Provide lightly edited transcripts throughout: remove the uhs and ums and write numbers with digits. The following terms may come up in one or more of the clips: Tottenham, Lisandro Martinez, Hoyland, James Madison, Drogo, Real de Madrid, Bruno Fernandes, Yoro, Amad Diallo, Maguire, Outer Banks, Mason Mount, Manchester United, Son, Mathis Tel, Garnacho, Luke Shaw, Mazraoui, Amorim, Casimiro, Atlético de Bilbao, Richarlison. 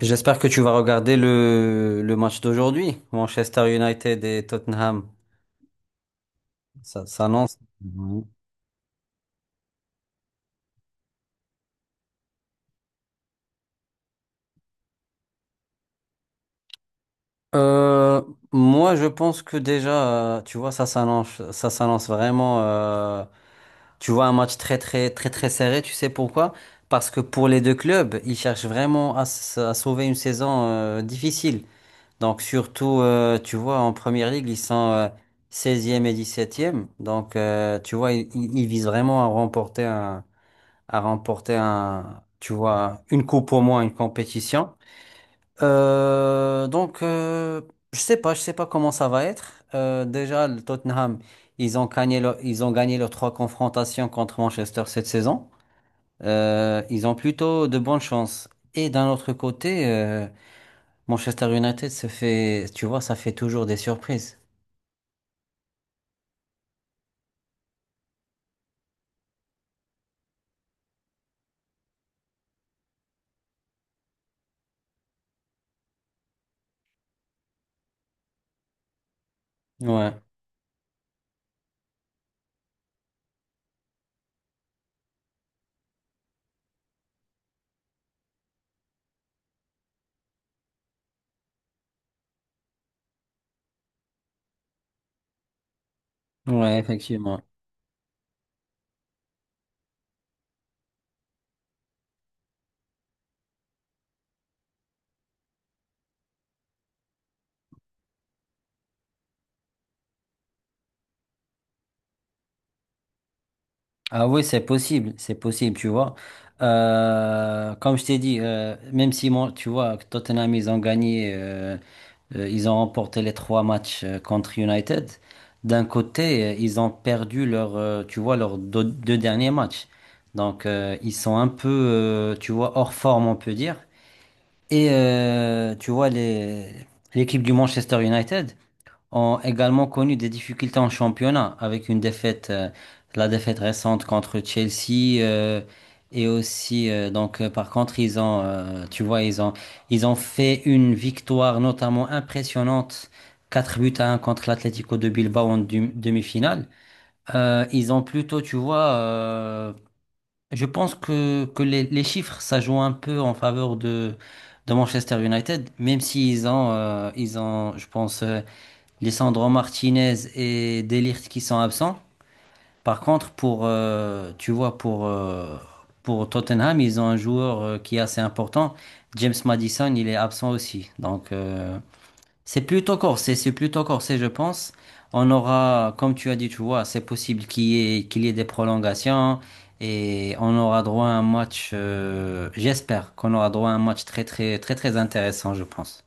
J'espère que tu vas regarder le match d'aujourd'hui, Manchester United et Tottenham. Ça s'annonce. Mhm. Euh, moi, je pense que déjà, tu vois, ça s'annonce vraiment. Tu vois, un match très, très, très, très serré. Tu sais pourquoi? Parce que pour les deux clubs, ils cherchent vraiment à sauver une saison difficile. Donc, surtout, tu vois, en première ligue, ils sont 16 et 17e. Donc, tu vois, ils visent vraiment à remporter tu vois, une coupe au moins, une compétition. Donc, je sais pas comment ça va être. Déjà, le Tottenham, ils ont gagné leurs 3 confrontations contre Manchester cette saison. Ils ont plutôt de bonnes chances. Et d'un autre côté, Manchester United se fait, tu vois, ça fait toujours des surprises. Ouais, ouais, effectivement. Ah oui, c'est possible, tu vois. Comme je t'ai dit, même si moi, tu vois, Tottenham, ils ont remporté les 3 matchs contre United. D'un côté, ils ont perdu leur, tu vois, leurs deux derniers matchs. Donc, ils sont un peu, tu vois, hors forme, on peut dire. Et tu vois, l'équipe du Manchester United ont également connu des difficultés en championnat avec une défaite, la défaite récente contre Chelsea et aussi donc par contre ils ont, tu vois, ils ont fait une victoire notamment impressionnante. 4-1 contre l'Atlético de Bilbao en demi-finale. Ils ont plutôt, je pense que les chiffres, ça joue un peu en faveur de Manchester United, même s'ils ont, ils ont, je pense, Lisandro Martinez et Delirte qui sont absents. Par contre, pour, pour Tottenham, ils ont un joueur qui est assez important. James Madison, il est absent aussi. Donc, c'est plutôt corsé, je pense. On aura, comme tu as dit, tu vois, c'est possible qu'il y ait des prolongations et on aura droit à un match, j'espère qu'on aura droit à un match très, très, très, très intéressant, je pense.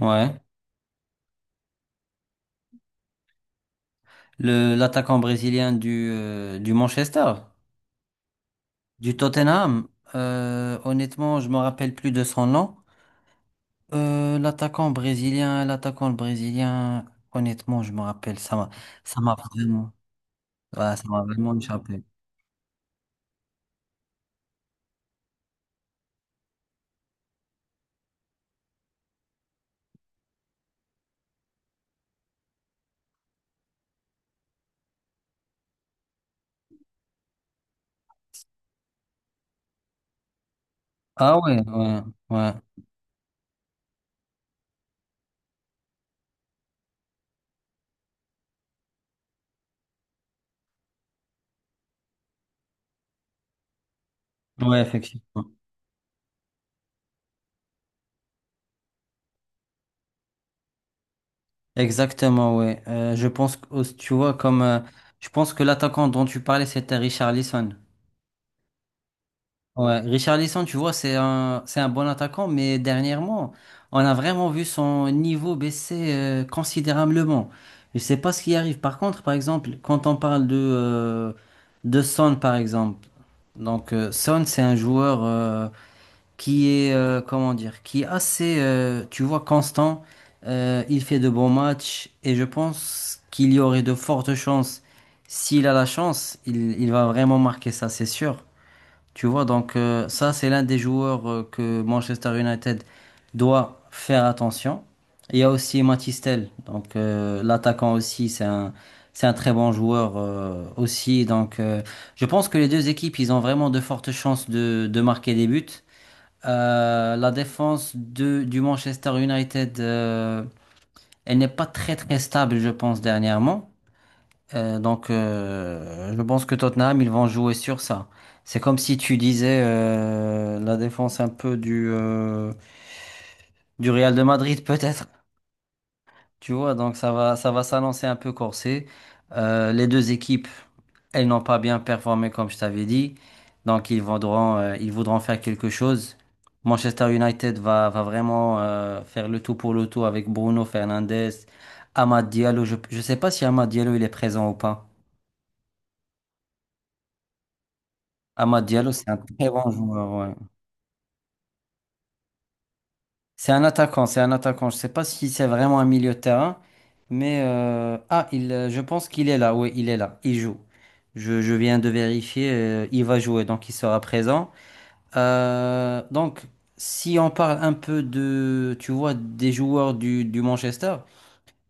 Ouais. le l'attaquant brésilien du Tottenham. Honnêtement, je me rappelle plus de son nom. L'attaquant brésilien, l'attaquant brésilien, honnêtement, je me rappelle, ça m'a vraiment, ouais, ça m'a vraiment échappé. Ah ouais, ouais, ouais, ouais, effectivement. Exactement, ouais. Je pense que, tu vois, je pense que l'attaquant dont tu parlais, c'était Richarlison. Ouais, Richarlison, tu vois, c'est un bon attaquant, mais dernièrement, on a vraiment vu son niveau baisser considérablement. Je sais pas ce qui arrive. Par contre, par exemple, quand on parle de Son, par exemple, Son, c'est un joueur qui est, comment dire, qui est assez, tu vois, constant. Il fait de bons matchs et je pense qu'il y aurait de fortes chances. S'il a la chance, il va vraiment marquer ça, c'est sûr. Tu vois, ça, c'est l'un des joueurs que Manchester United doit faire attention. Il y a aussi Mathis Tel, l'attaquant aussi, c'est un très bon joueur aussi. Je pense que les deux équipes, ils ont vraiment de fortes chances de marquer des buts. La défense de, du Manchester United, elle n'est pas très très stable, je pense, dernièrement. Donc, je pense que Tottenham, ils vont jouer sur ça. C'est comme si tu disais la défense un peu du Real de Madrid, peut-être. Tu vois, donc ça va s'annoncer un peu corsé. Les deux équipes, elles n'ont pas bien performé, comme je t'avais dit. Donc, ils voudront faire quelque chose. Manchester United va, va vraiment faire le tout pour le tout avec Bruno Fernandes, Amad Diallo. Je ne sais pas si Amad Diallo, il est présent ou pas. Amad Diallo, c'est un très bon joueur. Ouais. C'est un attaquant, c'est un attaquant. Je ne sais pas si c'est vraiment un milieu de terrain, mais je pense qu'il est là. Oui, il est là. Il joue. Je viens de vérifier. Euh, il va jouer, donc il sera présent. Donc, si on parle un peu de, tu vois, des joueurs du Manchester.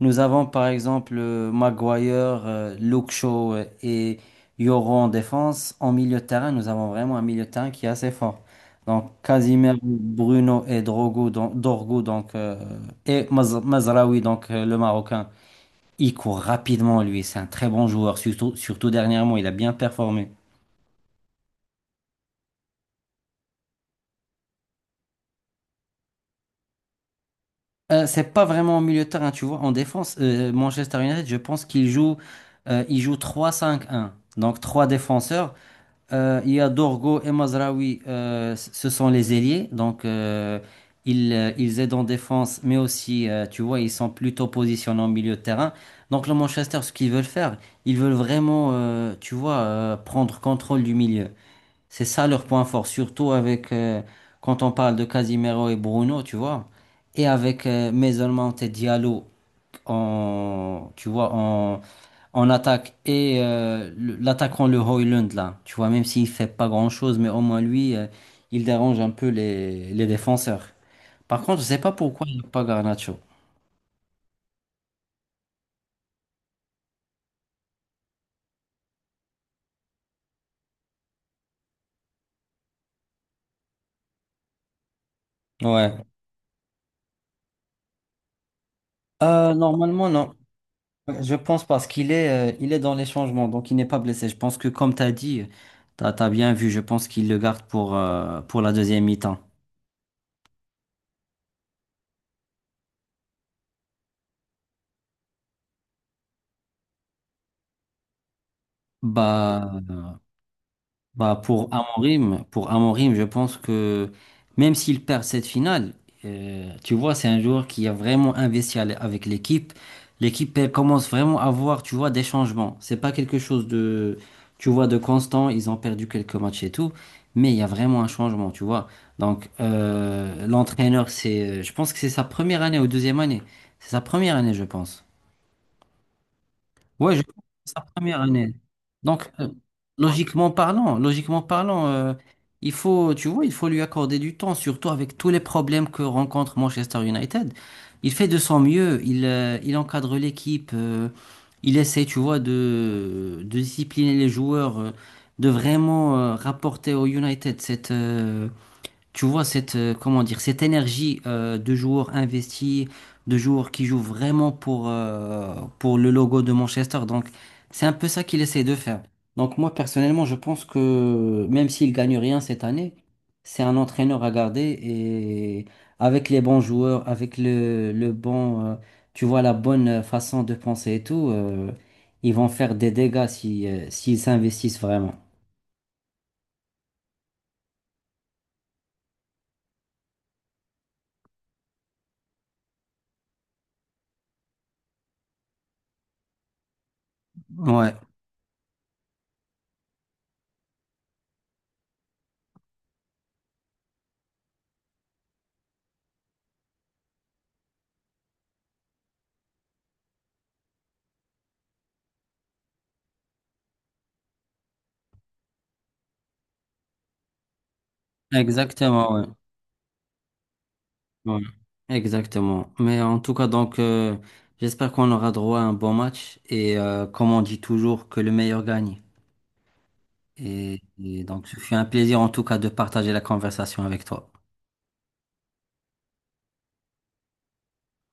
Nous avons par exemple Maguire, Luke Shaw et Yoro en défense. En milieu de terrain, nous avons vraiment un milieu de terrain qui est assez fort. Donc Casimiro, Bruno et Drogo, donc, Dorgo donc, et Mazraoui, le Marocain. Il court rapidement, lui. C'est un très bon joueur, surtout, surtout dernièrement. Il a bien performé. C'est pas vraiment en milieu de terrain, tu vois. En défense, Manchester United, je pense qu'il joue, il joue 3-5-1. Donc 3 défenseurs. Il y a Dorgo et Mazraoui, ce sont les ailiers, ils, ils aident en défense, mais aussi, tu vois, ils sont plutôt positionnés en milieu de terrain. Donc le Manchester, ce qu'ils veulent faire, ils veulent vraiment, tu vois, prendre contrôle du milieu. C'est ça leur point fort, surtout avec, quand on parle de Casimiro et Bruno, tu vois, et avec Mason Mount et Diallo en, tu vois, en, en attaque et l'attaquant le Hoyland là, tu vois, même s'il fait pas grand-chose, mais au moins lui, il dérange un peu les défenseurs. Par contre, je sais pas pourquoi il n'y a pas Garnacho. Ouais. Normalement, non. Je pense parce qu'il est, il est dans les changements, donc il n'est pas blessé. Je pense que comme tu as dit, tu as bien vu, je pense qu'il le garde pour la deuxième mi-temps. Bah, Bah pour Amorim, je pense que même s'il perd cette finale, tu vois, c'est un joueur qui a vraiment investi avec l'équipe. L'équipe elle commence vraiment à voir, tu vois, des changements. C'est pas quelque chose de, tu vois, de constant. Ils ont perdu quelques matchs et tout, mais il y a vraiment un changement, tu vois. Donc, l'entraîneur, c'est, je pense que c'est sa première année ou deuxième année. C'est sa première année, je pense. Ouais, je crois que c'est sa première année. Donc, logiquement parlant, il faut, tu vois, il faut lui accorder du temps, surtout avec tous les problèmes que rencontre Manchester United. Il fait de son mieux, il encadre l'équipe, il essaie, tu vois, de discipliner les joueurs, de vraiment, rapporter au United cette, tu vois cette, comment dire, cette énergie de joueurs investis, de joueurs qui jouent vraiment pour le logo de Manchester. Donc, c'est un peu ça qu'il essaie de faire. Donc, moi, personnellement, je pense que même s'il gagne rien cette année, c'est un entraîneur à garder et avec les bons joueurs, avec le bon, tu vois, la bonne façon de penser et tout, ils vont faire des dégâts si, s'ils s'investissent vraiment. Ouais, exactement. Ouais, exactement. Mais en tout cas, donc, j'espère qu'on aura droit à un bon match et, comme on dit toujours, que le meilleur gagne. Et donc, ce fut un plaisir en tout cas de partager la conversation avec toi.